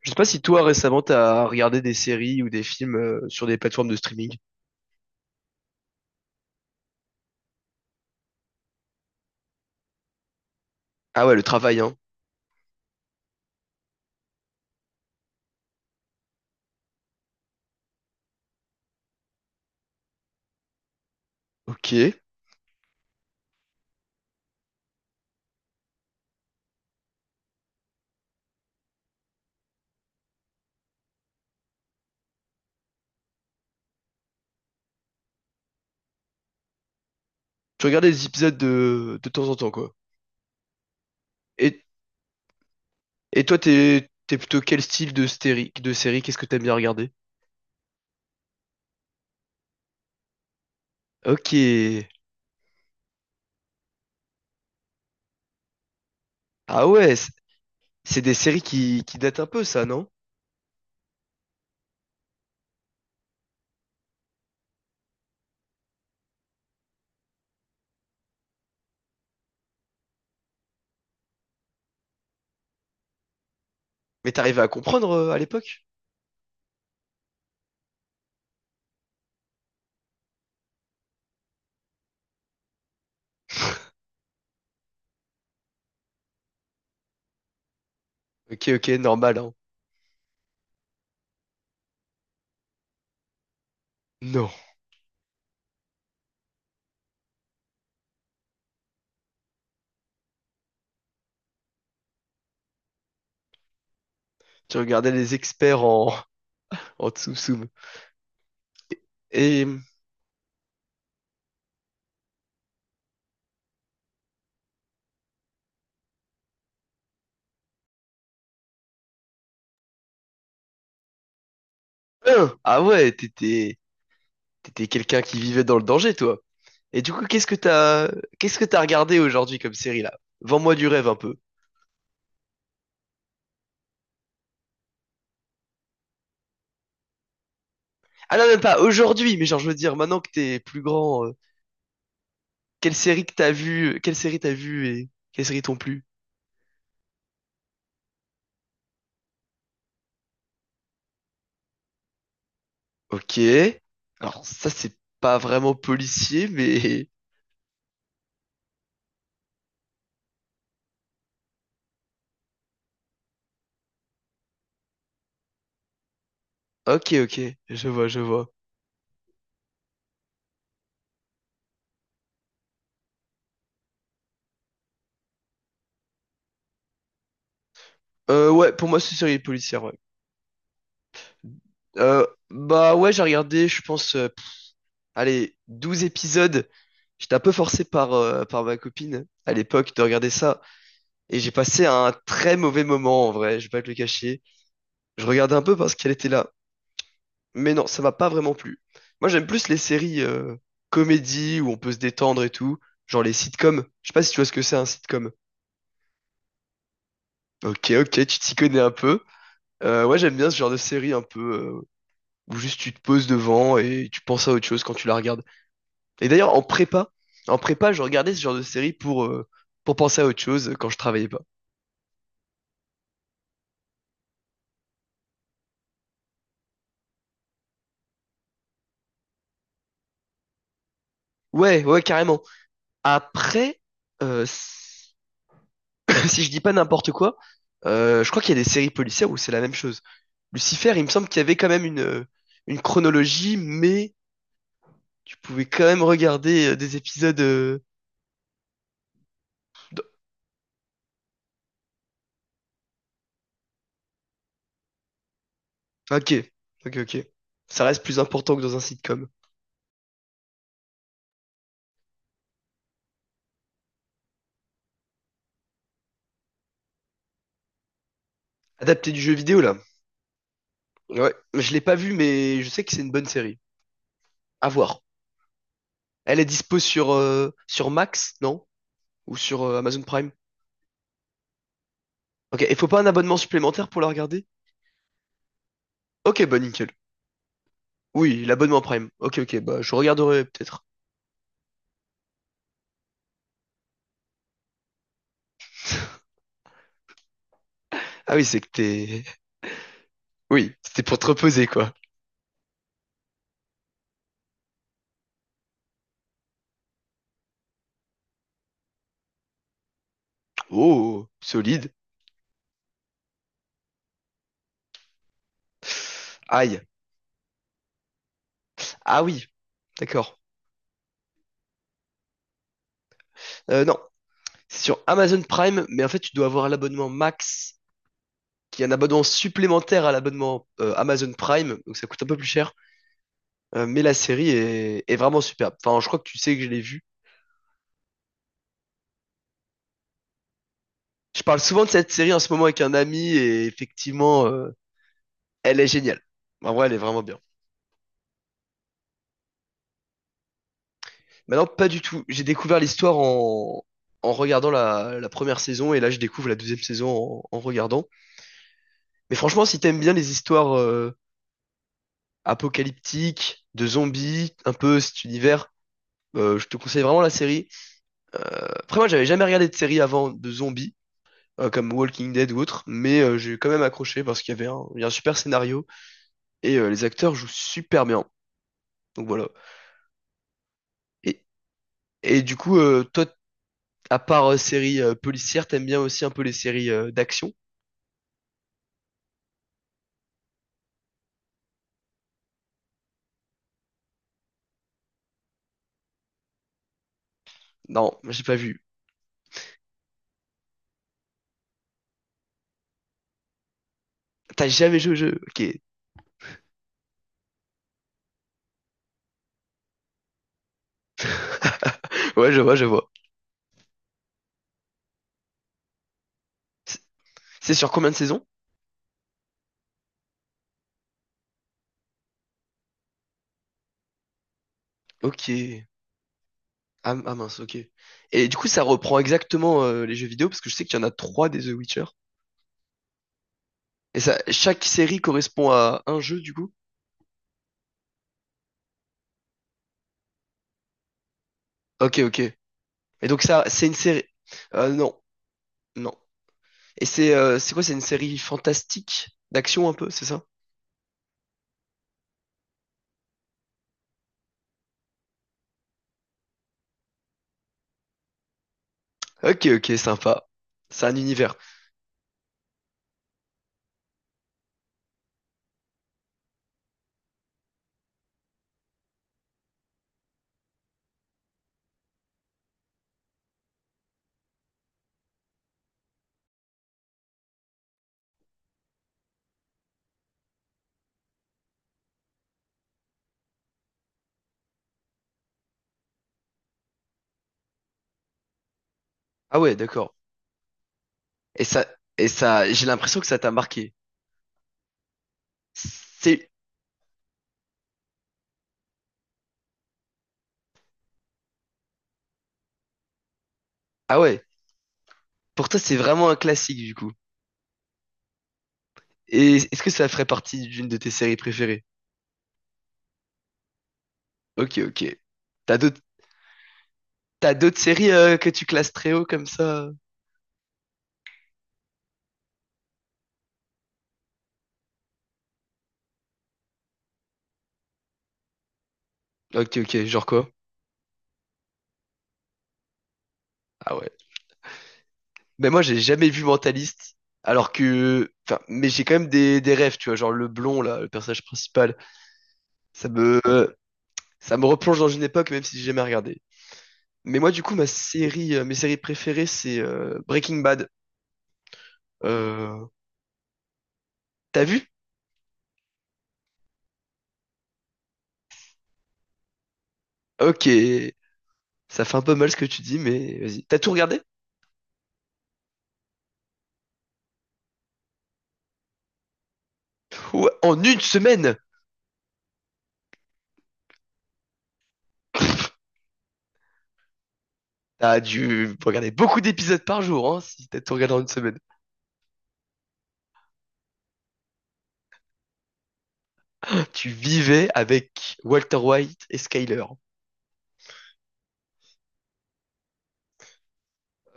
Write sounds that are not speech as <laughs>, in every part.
Je sais pas si toi récemment t'as regardé des séries ou des films sur des plateformes de streaming. Ah ouais, le travail, hein. Ok. Tu regardais des épisodes de temps en temps, quoi. Et, et toi, t'es plutôt quel style de série? Qu'est-ce que t'aimes bien regarder? Ok. Ah ouais, c'est des séries qui datent un peu, ça, non? Mais t'arrivais à comprendre à l'époque? <laughs> Ok, ok, normal, hein. Non. Tu regardais les experts en tsum-tsum. Et, hein, ah ouais, t'étais quelqu'un qui vivait dans le danger, toi. Et du coup, qu'est-ce que t'as regardé aujourd'hui comme série là? Vends-moi du rêve un peu. Ah non, même pas aujourd'hui, mais genre je veux dire maintenant que t'es plus grand, quelle série t'as vue et quelles séries t'ont plu? Ok. Alors ça c'est pas vraiment policier, mais <laughs> ok, ok, je vois, je vois. Ouais, pour moi c'est une série policière. Ouais. Bah ouais, j'ai regardé, je pense, allez, 12 épisodes. J'étais un peu forcé par ma copine à l'époque de regarder ça. Et j'ai passé un très mauvais moment en vrai, je vais pas te le cacher. Je regardais un peu parce qu'elle était là. Mais non, ça m'a pas vraiment plu. Moi, j'aime plus les séries comédies où on peut se détendre et tout, genre les sitcoms. Je sais pas si tu vois ce que c'est un sitcom. Ok, ok, tu t'y connais un peu. Ouais, j'aime bien ce genre de série un peu où juste tu te poses devant et tu penses à autre chose quand tu la regardes. Et d'ailleurs, en prépa, je regardais ce genre de série pour penser à autre chose quand je travaillais pas. Ouais, ouais, carrément. Après, euh, <laughs> si je dis pas n'importe quoi, je crois qu'il y a des séries policières où c'est la même chose. Lucifer, il me semble qu'il y avait quand même une chronologie, mais tu pouvais quand même regarder des épisodes. D- Ok, ok, ok. Ça reste plus important que dans un sitcom. Adapté du jeu vidéo, là. Ouais, je l'ai pas vu, mais je sais que c'est une bonne série. À voir. Elle est dispo sur Max, non? Ou sur Amazon Prime? Ok, il faut pas un abonnement supplémentaire pour la regarder? Ok, bah nickel. Oui, l'abonnement Prime. Ok, ok, bah je regarderai peut-être. Ah oui, c'est que t'es... Oui, c'était pour te reposer, quoi. Oh, oh, oh, solide. Aïe. Ah oui, d'accord. Non, c'est sur Amazon Prime, mais en fait, tu dois avoir l'abonnement Max, qui est un abonnement supplémentaire à l'abonnement Amazon Prime, donc ça coûte un peu plus cher. Mais est vraiment superbe. Enfin, je crois que tu sais que je l'ai vue. Je parle souvent de cette série en ce moment avec un ami, et effectivement, elle est géniale. En vrai, elle est vraiment bien. Bah non, pas du tout. J'ai découvert l'histoire en regardant la première saison et là je découvre la deuxième saison en regardant. Mais franchement, si t'aimes bien les histoires apocalyptiques, de zombies, un peu cet univers, je te conseille vraiment la série. Après moi, j'avais jamais regardé de série avant de zombies, comme Walking Dead ou autre, mais j'ai quand même accroché parce qu'il y avait un, il y a un super scénario et les acteurs jouent super bien. Donc voilà. Et, et du coup, toi, à part séries policières, t'aimes bien aussi un peu les séries d'action? Non, j'ai pas vu. T'as jamais joué au jeu? Ok. <laughs> Ouais, je vois, je vois. C'est sur combien de saisons? Ok. Ah, ah mince, ok. Et du coup, ça reprend exactement les jeux vidéo parce que je sais qu'il y en a trois des The Witcher. Et ça, chaque série correspond à un jeu du coup? Ok, ok. Et donc ça, c'est une série. Euh, non, non. Et c'est quoi? C'est une série fantastique d'action un peu, c'est ça? Ok, ok, sympa. C'est un univers. Ah ouais, d'accord. Et ça, et ça, j'ai l'impression que ça t'a marqué. C'est, ah ouais. Pour toi, c'est vraiment un classique du coup. Et est-ce que ça ferait partie d'une de tes séries préférées? Ok, ok. T'as d'autres, t'as d'autres séries que tu classes très haut comme ça? Ok, ok. Genre quoi? Ah ouais. Mais moi, j'ai jamais vu Mentaliste. Alors que, enfin, mais j'ai quand même des rêves, tu vois, genre le blond là, le personnage principal. Ça me, ça me replonge dans une époque, même si j'ai jamais regardé. Mais moi, du coup, mes séries préférées, c'est Breaking Bad. Euh, t'as vu? Ok. Ça fait un peu mal ce que tu dis, mais vas-y. T'as tout regardé? Ouais, en une semaine, t'as dû regarder beaucoup d'épisodes par jour, hein, si t'as tout regardé en une semaine. Tu vivais avec Walter White et Skyler.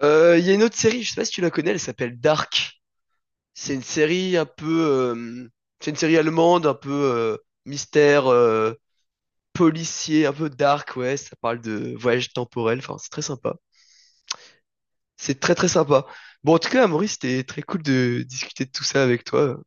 Il y a une autre série, je sais pas si tu la connais, elle s'appelle Dark. C'est une série un peu, euh, c'est une série allemande, un peu mystère, policier, un peu dark, ouais. Ça parle de voyage temporel, enfin c'est très sympa. C'est très très sympa. Bon, en tout cas, Maurice, c'était très cool de discuter de tout ça avec toi.